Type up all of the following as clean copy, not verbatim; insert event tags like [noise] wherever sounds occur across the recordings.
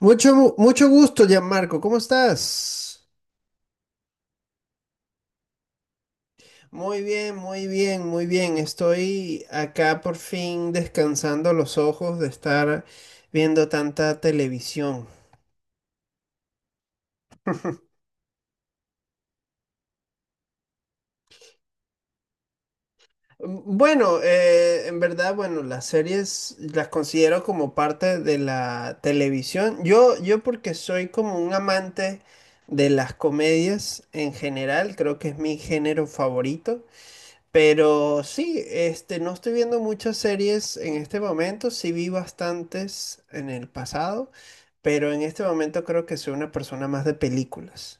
Mucho gusto, Gianmarco. ¿Cómo estás? Muy bien, muy bien, muy bien. Estoy acá por fin descansando los ojos de estar viendo tanta televisión. Bueno, en verdad, bueno, las series las considero como parte de la televisión. Yo porque soy como un amante de las comedias en general, creo que es mi género favorito. Pero sí, no estoy viendo muchas series en este momento, sí vi bastantes en el pasado, pero en este momento creo que soy una persona más de películas.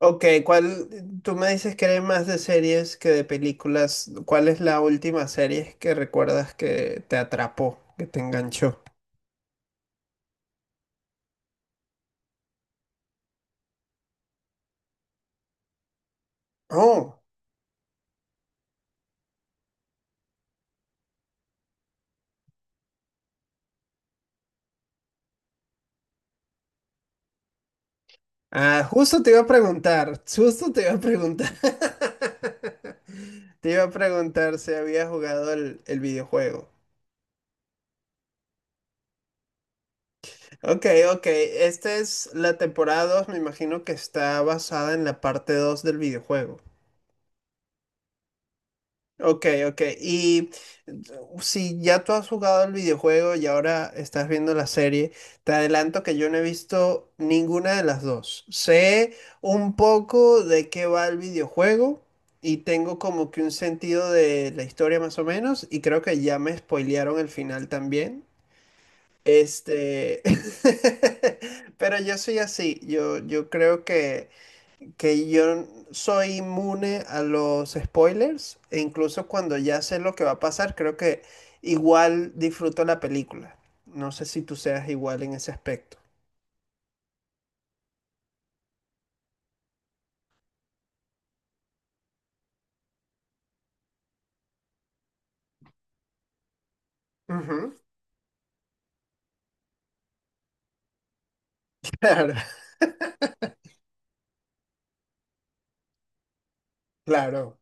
Ok, ¿tú me dices que eres más de series que de películas? ¿Cuál es la última serie que recuerdas que te atrapó, que te enganchó? Oh, ah, justo te iba a preguntar, justo te iba a preguntar. [laughs] Te iba a preguntar si había jugado el videojuego. Ok, ok. Esta es la temporada 2, me imagino que está basada en la parte 2 del videojuego. Ok, ok. Y si ya tú has jugado el videojuego y ahora estás viendo la serie, te adelanto que yo no he visto ninguna de las dos. Sé un poco de qué va el videojuego y tengo como que un sentido de la historia más o menos y creo que ya me spoilearon el final también. Este, [laughs] pero yo soy así, yo creo que yo soy inmune a los spoilers e incluso cuando ya sé lo que va a pasar, creo que igual disfruto la película. No sé si tú seas igual en ese aspecto. Ujú, claro, [laughs] claro,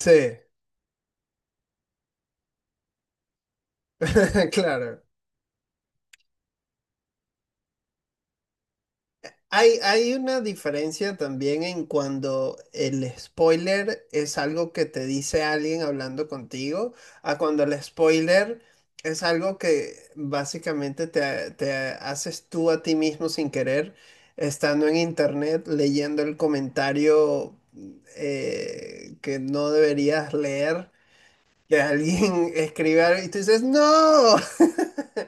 sí, [laughs] claro. Hay una diferencia también en cuando el spoiler es algo que te dice alguien hablando contigo, a cuando el spoiler es algo que básicamente te haces tú a ti mismo sin querer, estando en internet, leyendo el comentario que no deberías leer, que alguien [laughs] escribe algo y tú dices, ¡No! [laughs]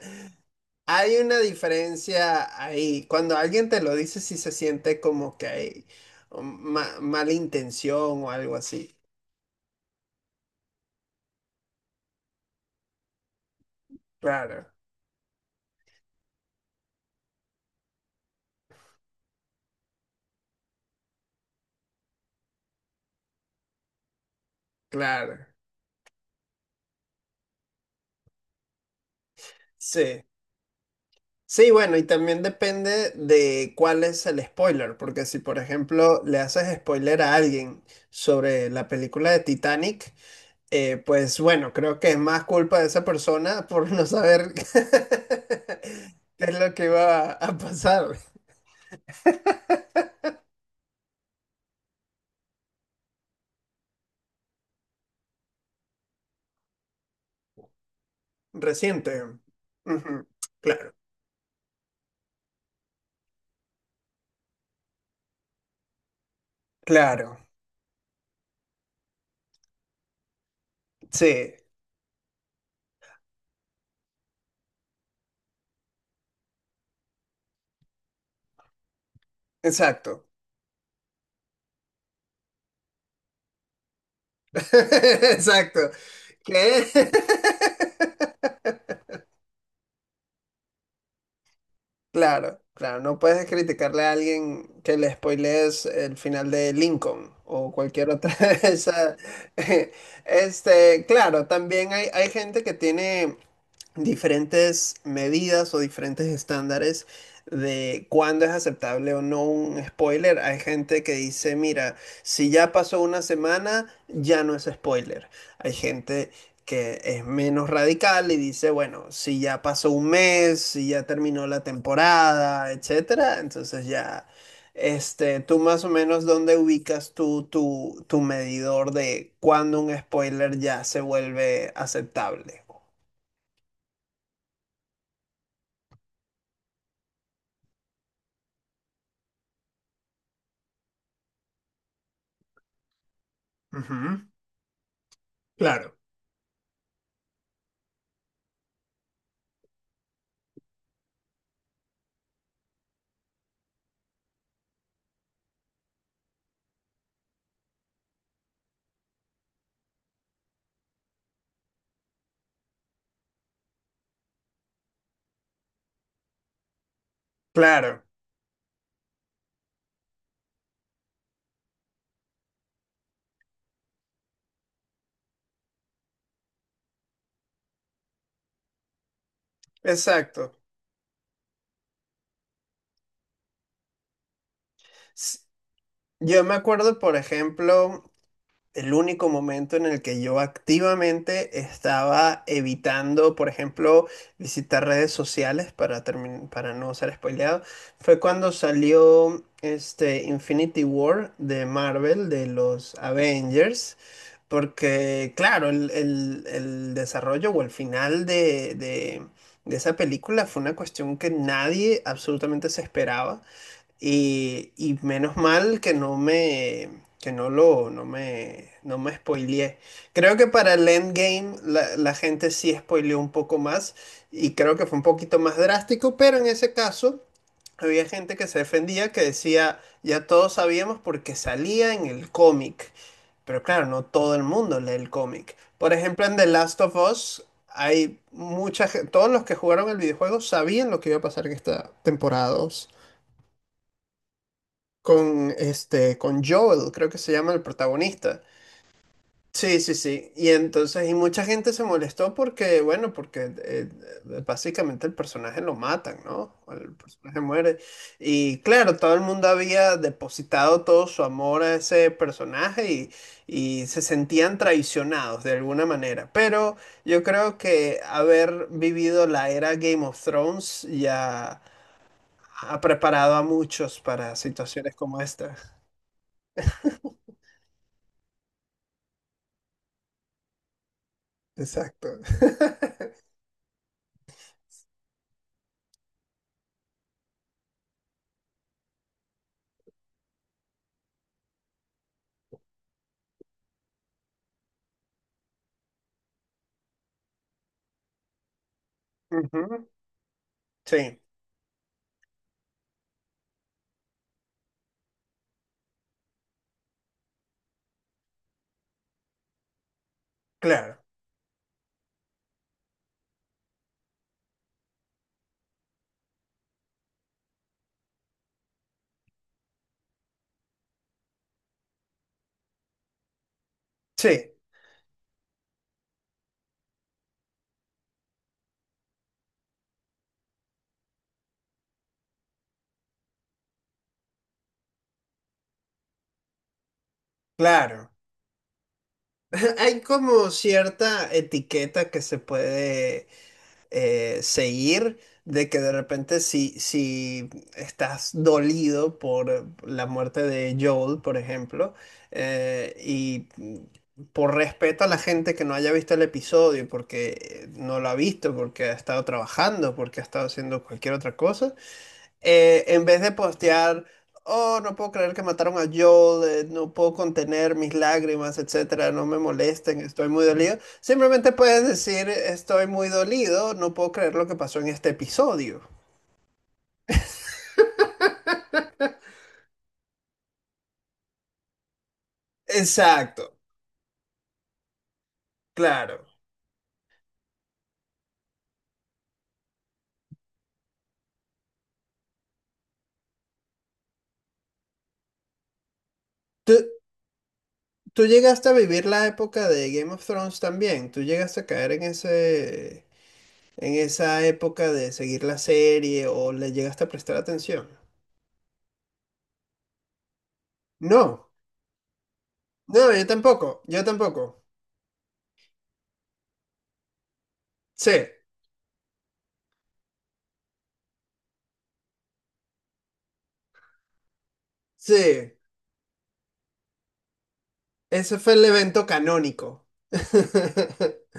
Hay una diferencia ahí. Cuando alguien te lo dice, si se siente como que hay mala intención o algo así. Claro, claro. Sí. Sí, bueno, y también depende de cuál es el spoiler, porque si por ejemplo le haces spoiler a alguien sobre la película de Titanic, pues bueno, creo que es más culpa de esa persona por no saber [laughs] qué es lo que va a pasar reciente. Ujú. Claro. Claro, sí, exacto. [laughs] Exacto. ¿Qué? [laughs] Claro, claro, no puedes criticarle a alguien que le spoilees el final de Lincoln o cualquier otra [laughs] de esa. [laughs] Claro, también hay gente que tiene diferentes medidas o diferentes estándares de cuándo es aceptable o no un spoiler. Hay gente que dice, mira, si ya pasó una semana, ya no es spoiler. Hay gente que es menos radical y dice, bueno, si ya pasó un mes, si ya terminó la temporada, etcétera, entonces ya, tú más o menos dónde ubicas tú tu medidor de cuándo un spoiler ya se vuelve aceptable. Claro. Exacto. S- Yo me acuerdo, por ejemplo, el único momento en el que yo activamente estaba evitando, por ejemplo, visitar redes sociales para, para no ser spoileado, fue cuando salió este Infinity War de Marvel, de los Avengers, porque claro, el desarrollo o el final de esa película fue una cuestión que nadie absolutamente se esperaba. Y menos mal que no me, que no lo, no me, no me spoileé. Creo que para el endgame la gente sí spoileó un poco más y creo que fue un poquito más drástico, pero en ese caso había gente que se defendía que decía, ya todos sabíamos porque salía en el cómic. Pero claro, no todo el mundo lee el cómic. Por ejemplo, en The Last of Us hay mucha gente, todos los que jugaron el videojuego sabían lo que iba a pasar en esta temporada 2 con Joel, creo que se llama el protagonista. Sí, sí, sí. Y entonces, y mucha gente se molestó porque, bueno, porque básicamente el personaje lo matan, ¿no? El personaje muere. Y claro, todo el mundo había depositado todo su amor a ese personaje y se sentían traicionados de alguna manera. Pero yo creo que haber vivido la era Game of Thrones ya ha preparado a muchos para situaciones como esta. Exacto. [laughs] Ujú. Sí, claro. Sí, claro. [laughs] Hay como cierta etiqueta que se puede seguir, de que de repente si, estás dolido por la muerte de Joel, por ejemplo, y por respeto a la gente que no haya visto el episodio, porque no lo ha visto, porque ha estado trabajando, porque ha estado haciendo cualquier otra cosa, en vez de postear, oh, no puedo creer que mataron a Joel, no puedo contener mis lágrimas, etcétera, no me molesten, estoy muy dolido. Simplemente puedes decir, estoy muy dolido, no puedo creer lo que pasó en este episodio. Exacto, claro. ¿Tú, tú llegaste a vivir la época de Game of Thrones también? ¿Tú llegaste a caer en esa época de seguir la serie o le llegaste a prestar atención? No, no, yo tampoco, yo tampoco. Sí, sí. Ese fue el evento canónico. [laughs]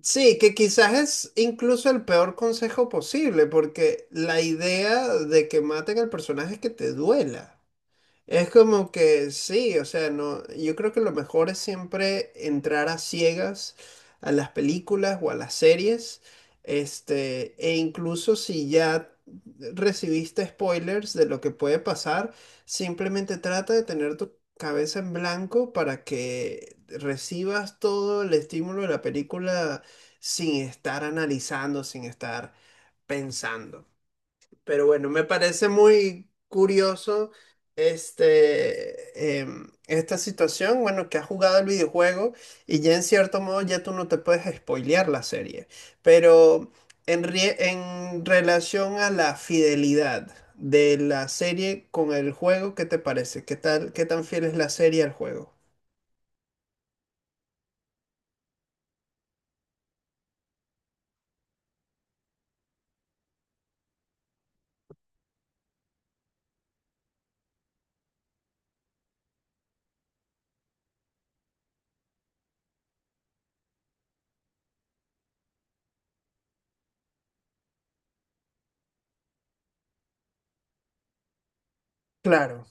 Sí, que quizás es incluso el peor consejo posible, porque la idea de que maten al personaje es que te duela. Es como que sí, o sea, no, yo creo que lo mejor es siempre entrar a ciegas a las películas o a las series, e incluso si ya recibiste spoilers de lo que puede pasar, simplemente trata de tener tu cabeza en blanco para que recibas todo el estímulo de la película sin estar analizando, sin estar pensando. Pero bueno, me parece muy curioso esta situación, bueno, que has jugado el videojuego y ya en cierto modo ya tú no te puedes spoilear la serie, pero en relación a la fidelidad de la serie con el juego, ¿qué te parece? ¿Qué tal, qué tan fiel es la serie al juego? Claro,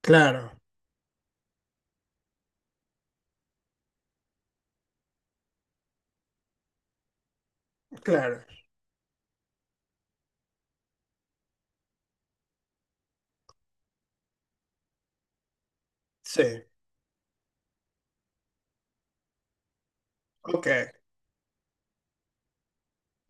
claro, claro. Sí, ok.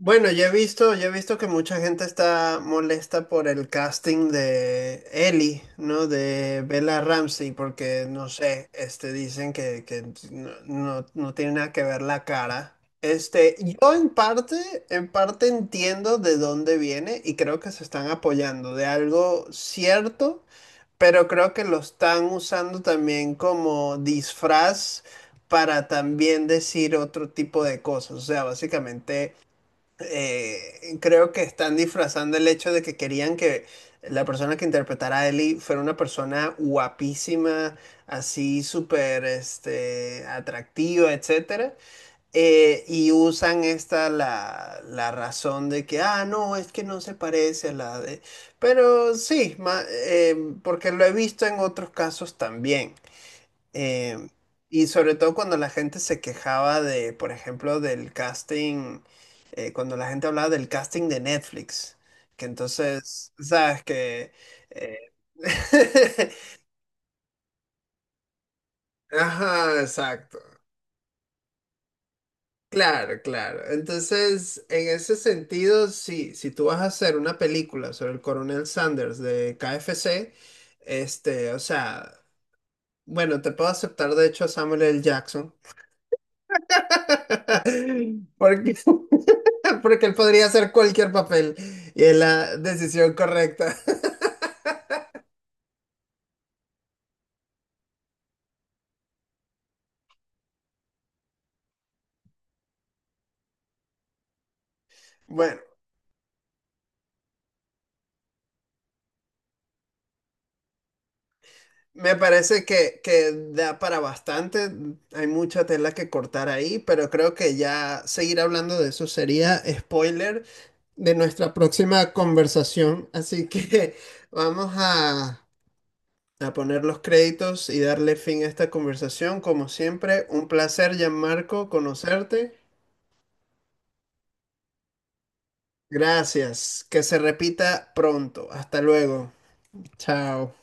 Bueno, yo he visto que mucha gente está molesta por el casting de Ellie, ¿no? De Bella Ramsey, porque no sé, dicen que no tiene nada que ver la cara. Yo en parte entiendo de dónde viene y creo que se están apoyando de algo cierto, pero creo que lo están usando también como disfraz para también decir otro tipo de cosas. O sea, básicamente creo que están disfrazando el hecho de que querían que la persona que interpretara a Ellie fuera una persona guapísima, así súper atractiva, etcétera. Y usan la razón de que, ah, no, es que no se parece a la de... Pero sí, porque lo he visto en otros casos también. Em, y sobre todo cuando la gente se quejaba de, por ejemplo, del casting, cuando la gente hablaba del casting de Netflix, que entonces, sabes que... eh, [laughs] Ajá, exacto. Claro, claro. Entonces, en ese sentido, sí, si tú vas a hacer una película sobre el coronel Sanders de KFC, o sea, bueno, te puedo aceptar de hecho a Samuel L. Jackson. [laughs] Porque [laughs] [laughs] Porque él podría hacer cualquier papel y es la decisión correcta. [laughs] Bueno, me parece que da para bastante. Hay mucha tela que cortar ahí, pero creo que ya seguir hablando de eso sería spoiler de nuestra próxima conversación. Así que [laughs] vamos a poner los créditos y darle fin a esta conversación. Como siempre, un placer, Gianmarco, conocerte. Gracias. Que se repita pronto. Hasta luego. Chao.